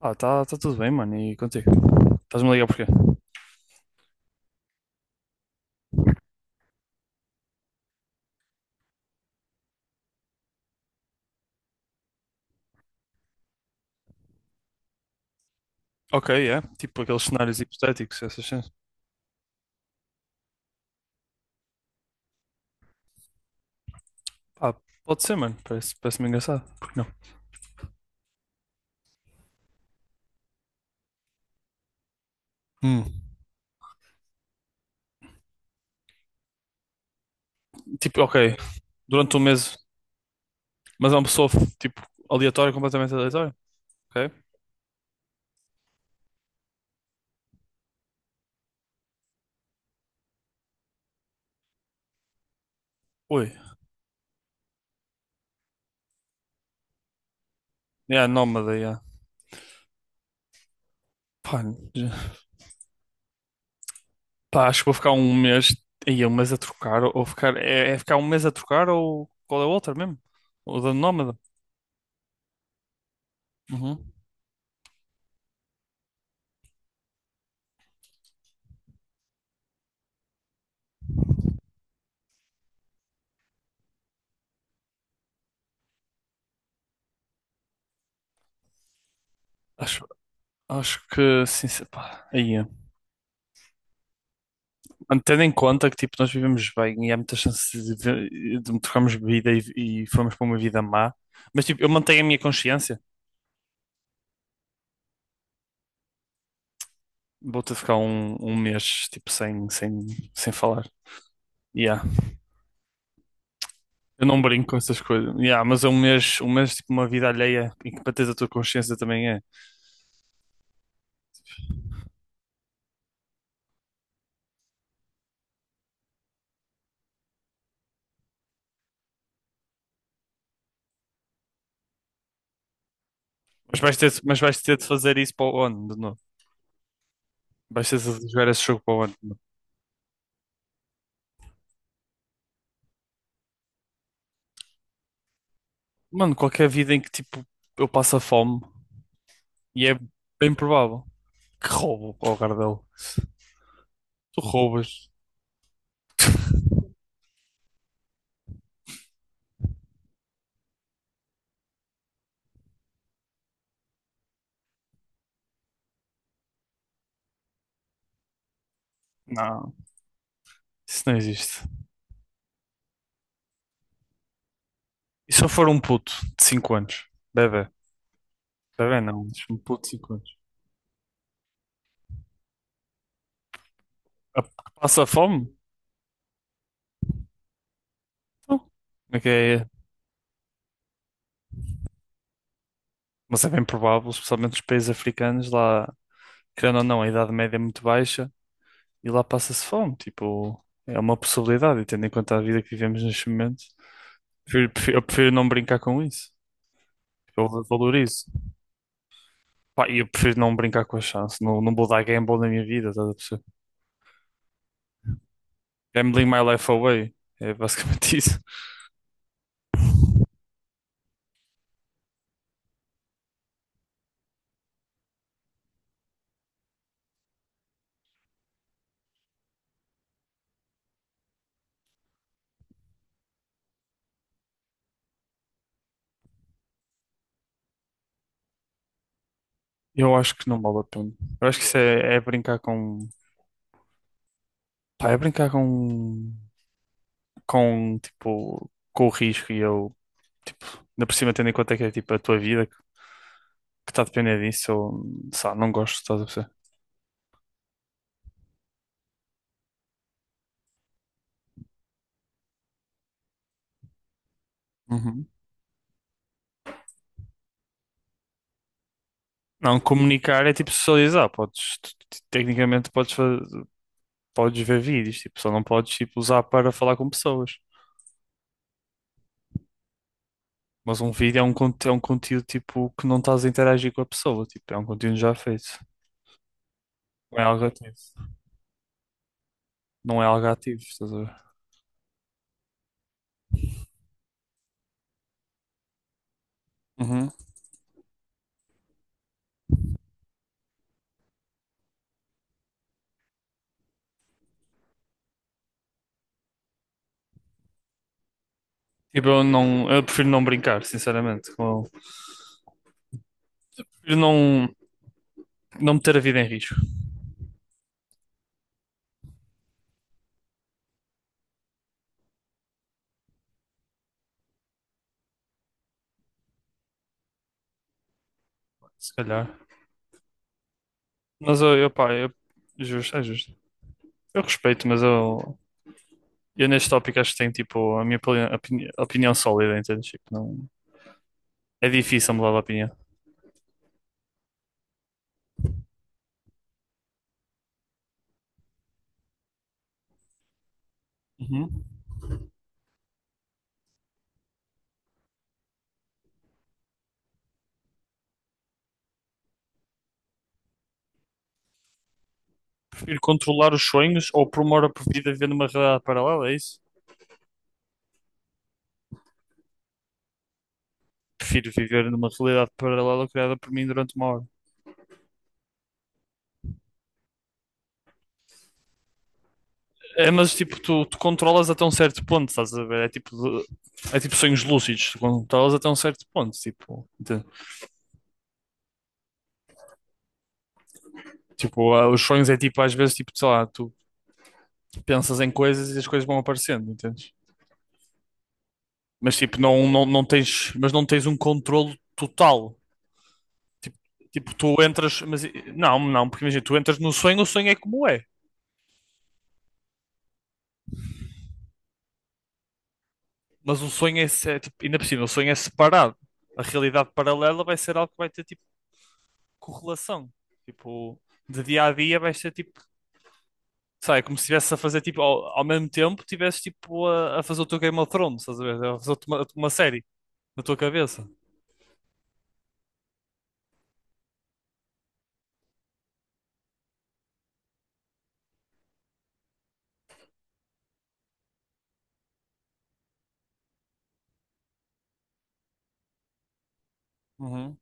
Ah, tá, tá tudo bem, mano. E contigo? Estás-me a ligar porquê? Ok, é. Tipo aqueles cenários hipotéticos, essas cenas. Ah, pode ser, mano. Parece-me engraçado. Por que não? Hum. Tipo, ok. Durante um mês. Mas é uma pessoa, tipo, aleatória, completamente aleatória. Ok? Ui. É, nómada, yeah. Pá, já- pá, acho que vou ficar um mês. Aí, um mês a trocar. Ou ficar. É, é ficar um mês a trocar ou qual é o outro mesmo? O da nómada. Uhum. Acho, acho que, sim, pá. Aí, é. Mano, tendo em conta que tipo, nós vivemos bem e há muitas chances de, de trocarmos vida e formos para uma vida má, mas tipo, eu mantenho a minha consciência. Vou-te ter de ficar um mês tipo, sem falar. Yeah. Eu não brinco com essas coisas. Yeah, mas é um mês tipo, uma vida alheia em que para teres a tua consciência também é. Mas vais ter de fazer isso para o ano de novo. Vais ter de jogar esse jogo para o ano de novo. Mano, qualquer vida em que tipo, eu passo a fome e é bem provável que roubo ao Gardel. Tu roubas. Não, isso não existe. E se eu for um puto de 5 anos? Bebê. Bebê não, mas um puto de 5 anos. Ah, que passa fome? Então, como é que é? Mas é bem provável, especialmente nos países africanos, lá, querendo ou não, a idade média é muito baixa e lá passa-se fome. Tipo, é uma possibilidade, e tendo em conta a vida que vivemos neste momento, eu prefiro não brincar com isso. Eu valorizo. Pá, e eu prefiro não brincar com a chance. Não, não vou dar gamble na minha vida, estás a perceber? Gambling my life away. É basicamente isso. Eu acho que não vale a pena. Eu acho que isso é brincar com. Pá, é brincar com. Com, tipo. Com o risco e eu. Tipo, ainda por cima, tendo em conta que é tipo a tua vida que está a depender disso, eu. Sei lá, não gosto, estás a perceber? Uhum. Não, comunicar é tipo socializar. Podes. Tecnicamente, podes, podes ver vídeos, tipo, só não podes tipo, usar para falar com pessoas. Mas um vídeo é um, é um conteúdo tipo que não estás a interagir com a pessoa, tipo, é um conteúdo já feito. Não é algo ativo. Não é algo ativo, estás a ver? Uhum. Tipo, eu prefiro não brincar, sinceramente. Prefiro não, não meter a vida em risco, se calhar. Mas eu pá, eu, justo, é justo. Eu respeito, mas eu neste tópico acho que tenho tipo a minha opinião sólida, entendes? Tipo, não, é difícil mudar de opinião. Uhum. Prefiro controlar os sonhos ou por uma hora por vida viver numa realidade paralela, é isso? Prefiro viver numa realidade paralela criada por mim durante uma hora. É, mas tipo, tu controlas até um certo ponto, estás a ver? É tipo, é tipo sonhos lúcidos, tu controlas até um certo ponto, tipo, entende? Tipo, ah, os sonhos é tipo, às vezes, tipo, sei lá, tu pensas em coisas e as coisas vão aparecendo, entendes? Mas tipo, não tens, mas não tens um controlo total. Tipo, tipo, tu entras, mas não, não, porque imagina, tu entras no sonho, o sonho é como é. Mas o sonho é, é, tipo, ainda por cima, o sonho é separado. A realidade paralela vai ser algo que vai ter tipo correlação. Tipo, de dia a dia vai ser tipo, sabe, como se estivesse a fazer tipo, ao mesmo tempo, estivesse tipo a fazer o teu Game of Thrones, estás a ver? A fazer uma série na tua cabeça. Uhum.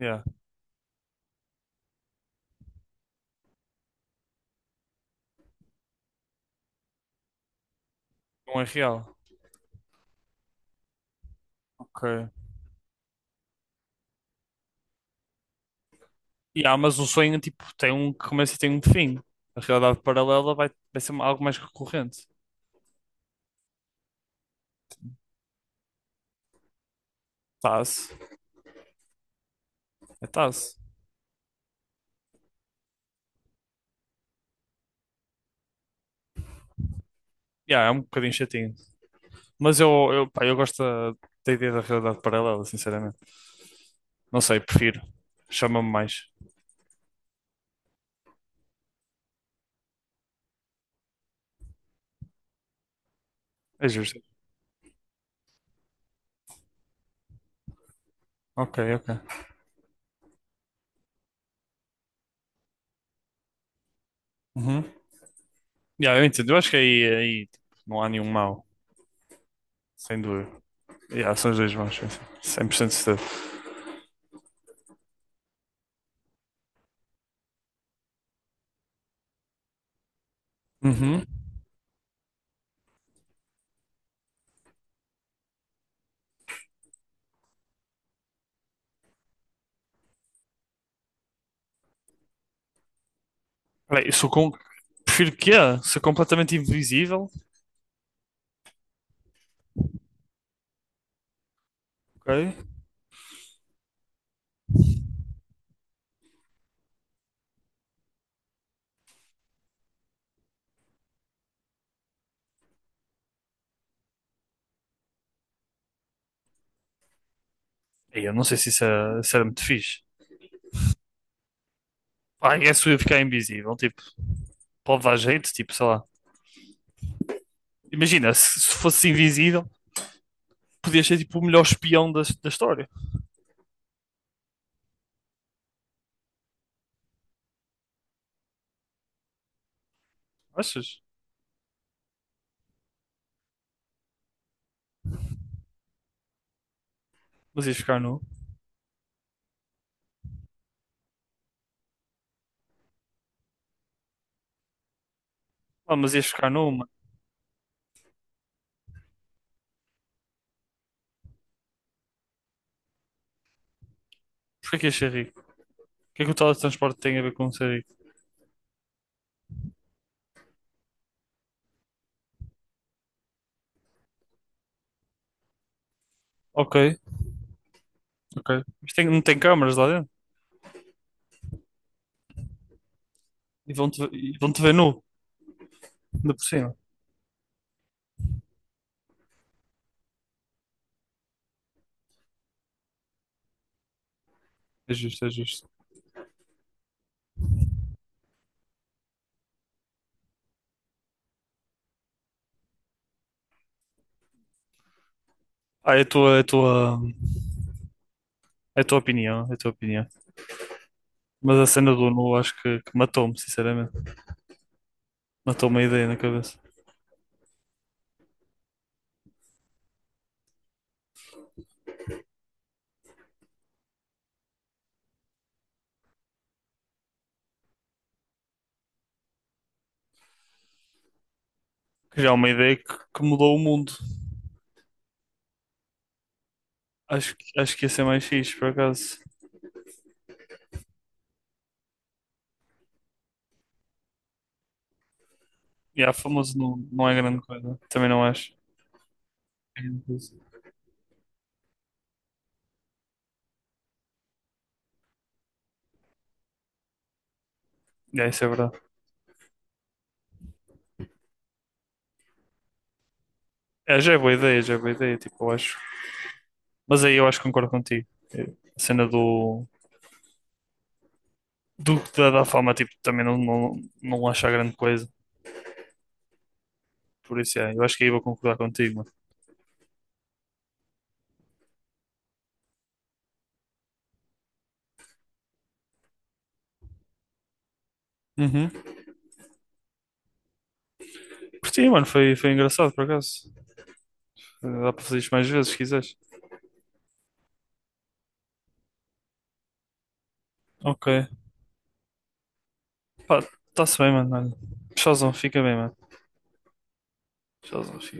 Yeah. Não é real. Ok. Yeah, mas o sonho tipo tem um começo e tem um fim. A realidade paralela vai ser algo mais recorrente. Tá-se. É tá-se. Yeah, é um bocadinho chatinho. Mas pá, eu gosto da, da ideia da realidade paralela, sinceramente. Não sei, prefiro. Chama-me mais. É justo. Ok, ok. Uhum. Yeah, eu entendo. Eu acho que aí tipo, não há nenhum mal sem dúvida. Yeah, são os dois maus, sim, sim. 100% certeza. Uhum. Peraí, eu sou com... Prefiro que é? Ser completamente invisível, ok? Ei, eu não sei se isso, é, se era muito fixe. Ah, é se eu ficar invisível, tipo, pode dar jeito, tipo, sei lá. Imagina, se fosse invisível, podias ser tipo o melhor espião da história. Achas? Mas ias ficar nu? Ah, mas ias ficar nu, mano. Porquê que ias ser rico? O que é que o teletransporte tem a ver com ser rico? Ok, ok. Mas não tem câmaras lá dentro? E e vão-te ver nu, ainda por cima. É justo, é justo. Ah, é a tua opinião, é a tua opinião. Mas a cena do nu acho que matou-me, sinceramente. Matou-me a ideia na cabeça. Que já é uma ideia que mudou o mundo. Acho, acho que ia ser mais fixe, por acaso. E a famoso não, não é grande coisa. Também não acho. É grande coisa. É, isso é verdade. É, já é boa ideia, já é boa ideia. Tipo, eu acho. Mas aí eu acho que concordo contigo. É, a cena do, da fama, tipo, também não, não, não acho a grande coisa. Por isso, é, eu acho que aí vou concordar contigo, mano. Uhum. Curti, mano, foi, foi engraçado, por acaso. Eh, dá para fazer isto mais vezes, se quiseres. Ok. Pá, tá-se bem, mano. Olha. Tchauzão, fica bem, mano. Tchauzão, fica